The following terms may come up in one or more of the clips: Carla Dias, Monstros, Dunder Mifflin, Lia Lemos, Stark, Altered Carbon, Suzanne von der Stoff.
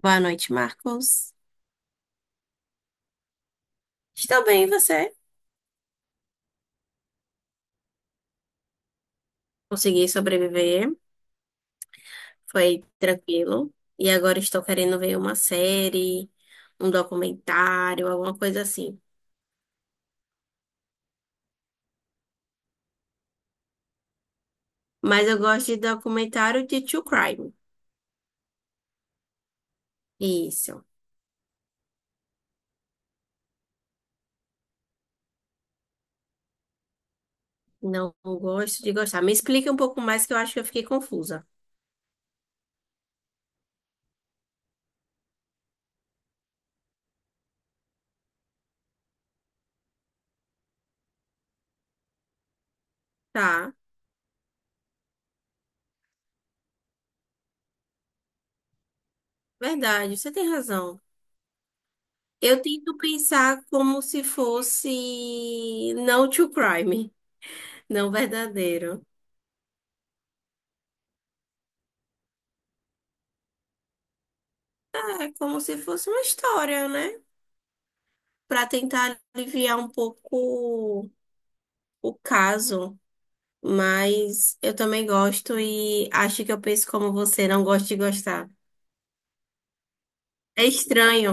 Boa noite, Marcos. Estou bem, e você? Consegui sobreviver, foi tranquilo. E agora estou querendo ver uma série, um documentário, alguma coisa assim. Mas eu gosto de documentário de true crime. Isso. Não gosto de gostar. Me explica um pouco mais que eu acho que eu fiquei confusa. Tá, verdade, você tem razão. Eu tento pensar como se fosse não true crime, não verdadeiro. É como se fosse uma história, né? Para tentar aliviar um pouco o caso. Mas eu também gosto e acho que eu penso como você, não gosto de gostar. É estranho.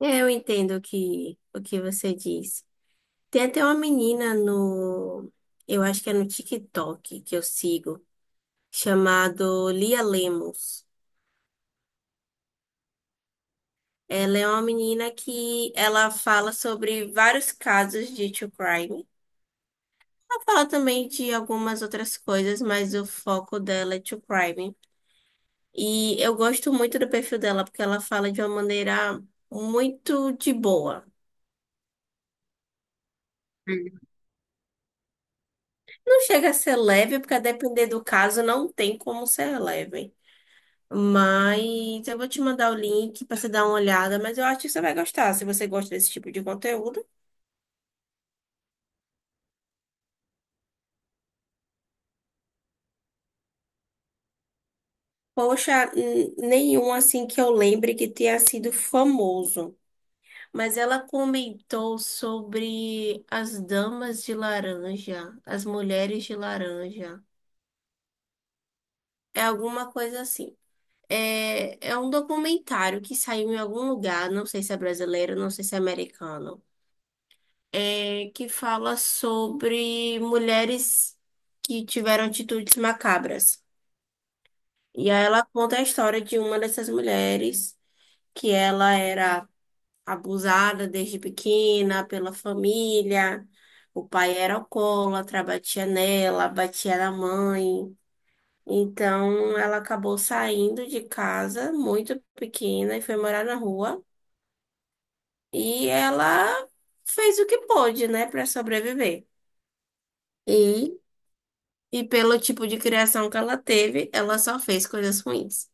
É, eu entendo o que você diz. Tem até uma menina no, eu acho que é no TikTok que eu sigo, chamado Lia Lemos. Ela é uma menina que ela fala sobre vários casos de true crime. Ela fala também de algumas outras coisas, mas o foco dela é true crime. E eu gosto muito do perfil dela, porque ela fala de uma maneira muito de boa. Hum. Não chega a ser leve, porque a depender do caso não tem como ser leve. Mas eu vou te mandar o link para você dar uma olhada, mas eu acho que você vai gostar. Se você gosta desse tipo de conteúdo, poxa, nenhum assim que eu lembre que tenha sido famoso. Mas ela comentou sobre as damas de laranja, as mulheres de laranja. É alguma coisa assim. É um documentário que saiu em algum lugar, não sei se é brasileiro, não sei se é americano, que fala sobre mulheres que tiveram atitudes macabras. E aí ela conta a história de uma dessas mulheres, que ela era abusada desde pequena pela família. O pai era alcoólatra, batia nela, batia na mãe. Então ela acabou saindo de casa muito pequena e foi morar na rua. E ela fez o que pôde, né, para sobreviver. E, e pelo tipo de criação que ela teve, ela só fez coisas ruins.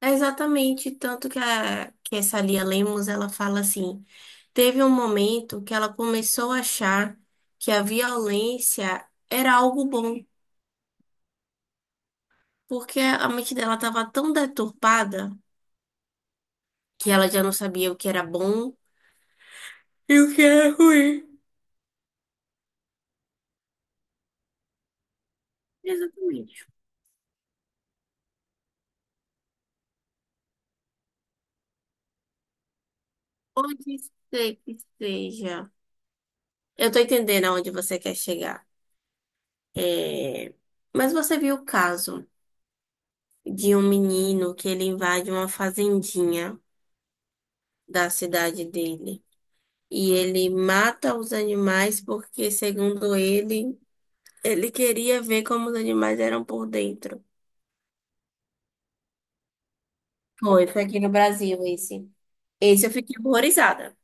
É exatamente tanto que, que essa Lia Lemos ela fala assim. Teve um momento que ela começou a achar que a violência era algo bom, porque a mente dela estava tão deturpada que ela já não sabia o que era bom e o que era ruim. Exatamente. Pode ser que seja. Eu tô entendendo aonde você quer chegar. É, mas você viu o caso de um menino que ele invade uma fazendinha da cidade dele. E ele mata os animais porque, segundo ele, ele queria ver como os animais eram por dentro. Foi aqui no Brasil esse. Esse eu fiquei horrorizada.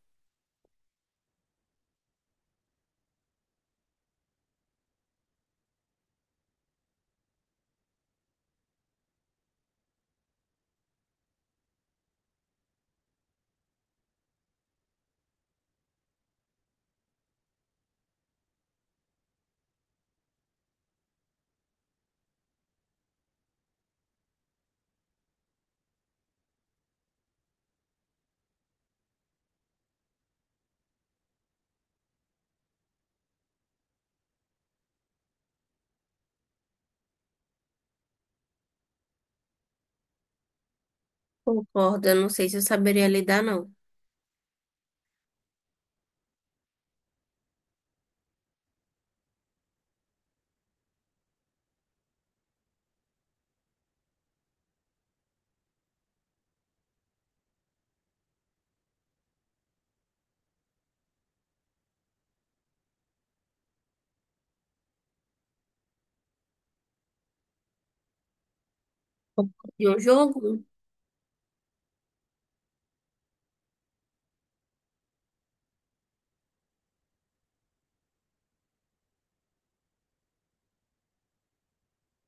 Concordo, eu não sei se eu saberia lidar, não. De o jogo.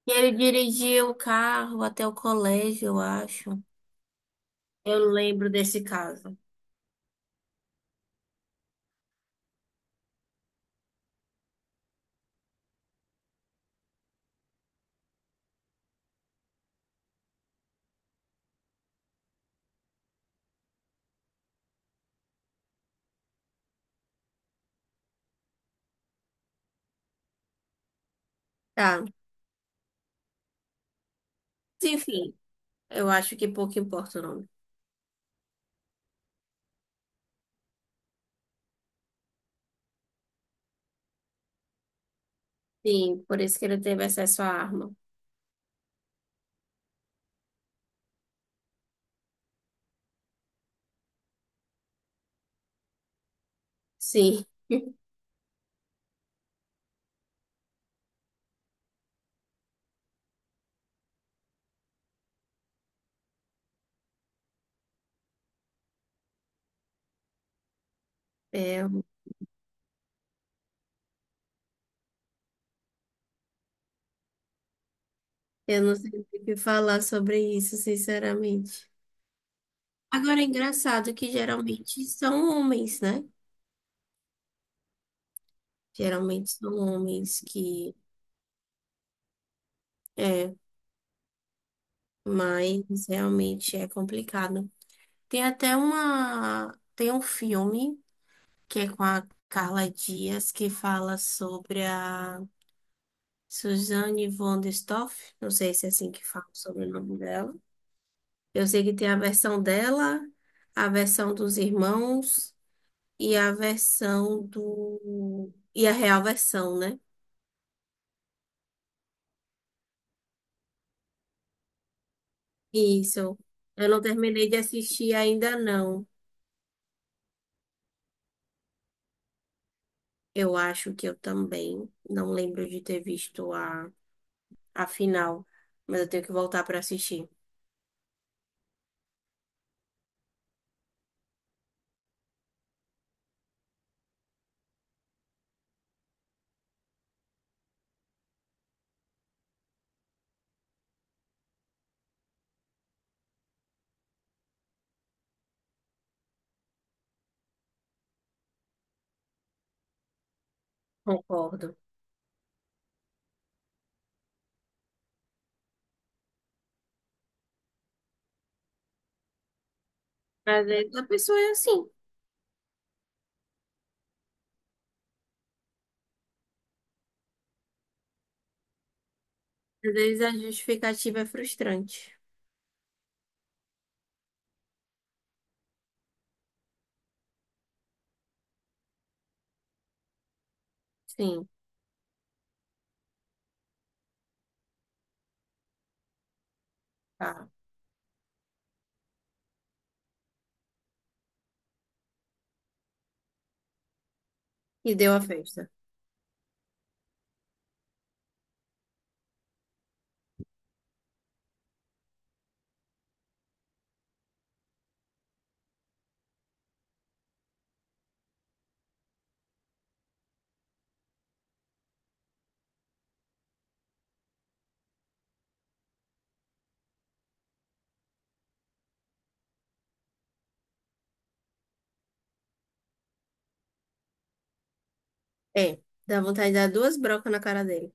E ele dirigia o carro até o colégio, eu acho. Eu lembro desse caso. Tá. Mas, enfim, eu acho que pouco importa o nome. Sim, por isso que ele teve acesso à arma. Sim. É, eu não sei o que falar sobre isso, sinceramente. Agora é engraçado que geralmente são homens, né? Geralmente são homens que é, mas realmente é complicado. Tem até uma, tem um filme que é com a Carla Dias que fala sobre a Suzanne von der Stoff, não sei se é assim que fala sobre o nome dela. Eu sei que tem a versão dela, a versão dos irmãos e a versão do e a real versão, né? Isso. Eu não terminei de assistir ainda não. Eu acho que eu também não lembro de ter visto a final, mas eu tenho que voltar para assistir. Concordo. Às vezes a pessoa é assim. Às vezes a justificativa é frustrante. Sim, tá. E deu a festa. É, dá vontade de dar duas brocas na cara dele.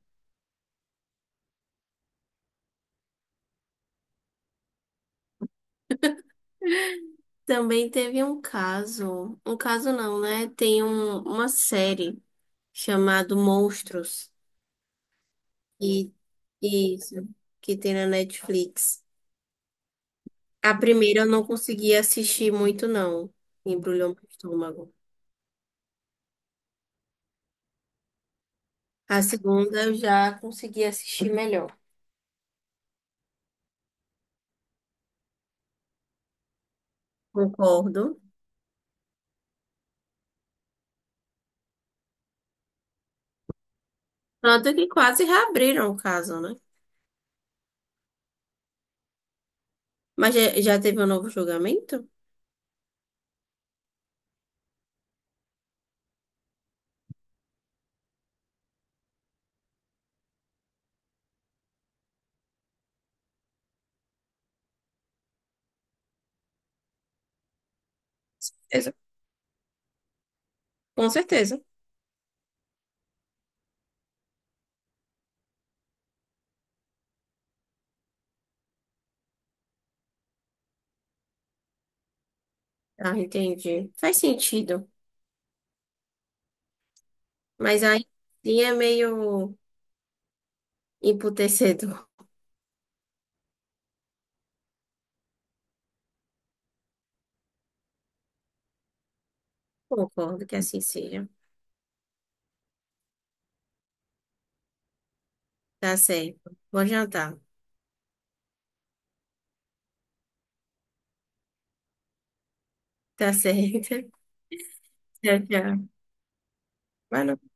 Também teve um caso não, né? Tem uma série chamada Monstros, e isso, que tem na Netflix. A primeira eu não consegui assistir muito, não. Embrulhou meu estômago. A segunda eu já consegui assistir melhor. Concordo. Tanto que quase reabriram o caso, né? Mas já, já teve um novo julgamento? Exa- Com certeza. Ah, entendi. Faz sentido. Mas aí sim é meio emputecedor. Concordo que assim seja. Tá certo. Vou jantar. Tá certo. Tchau, tchau. Vai no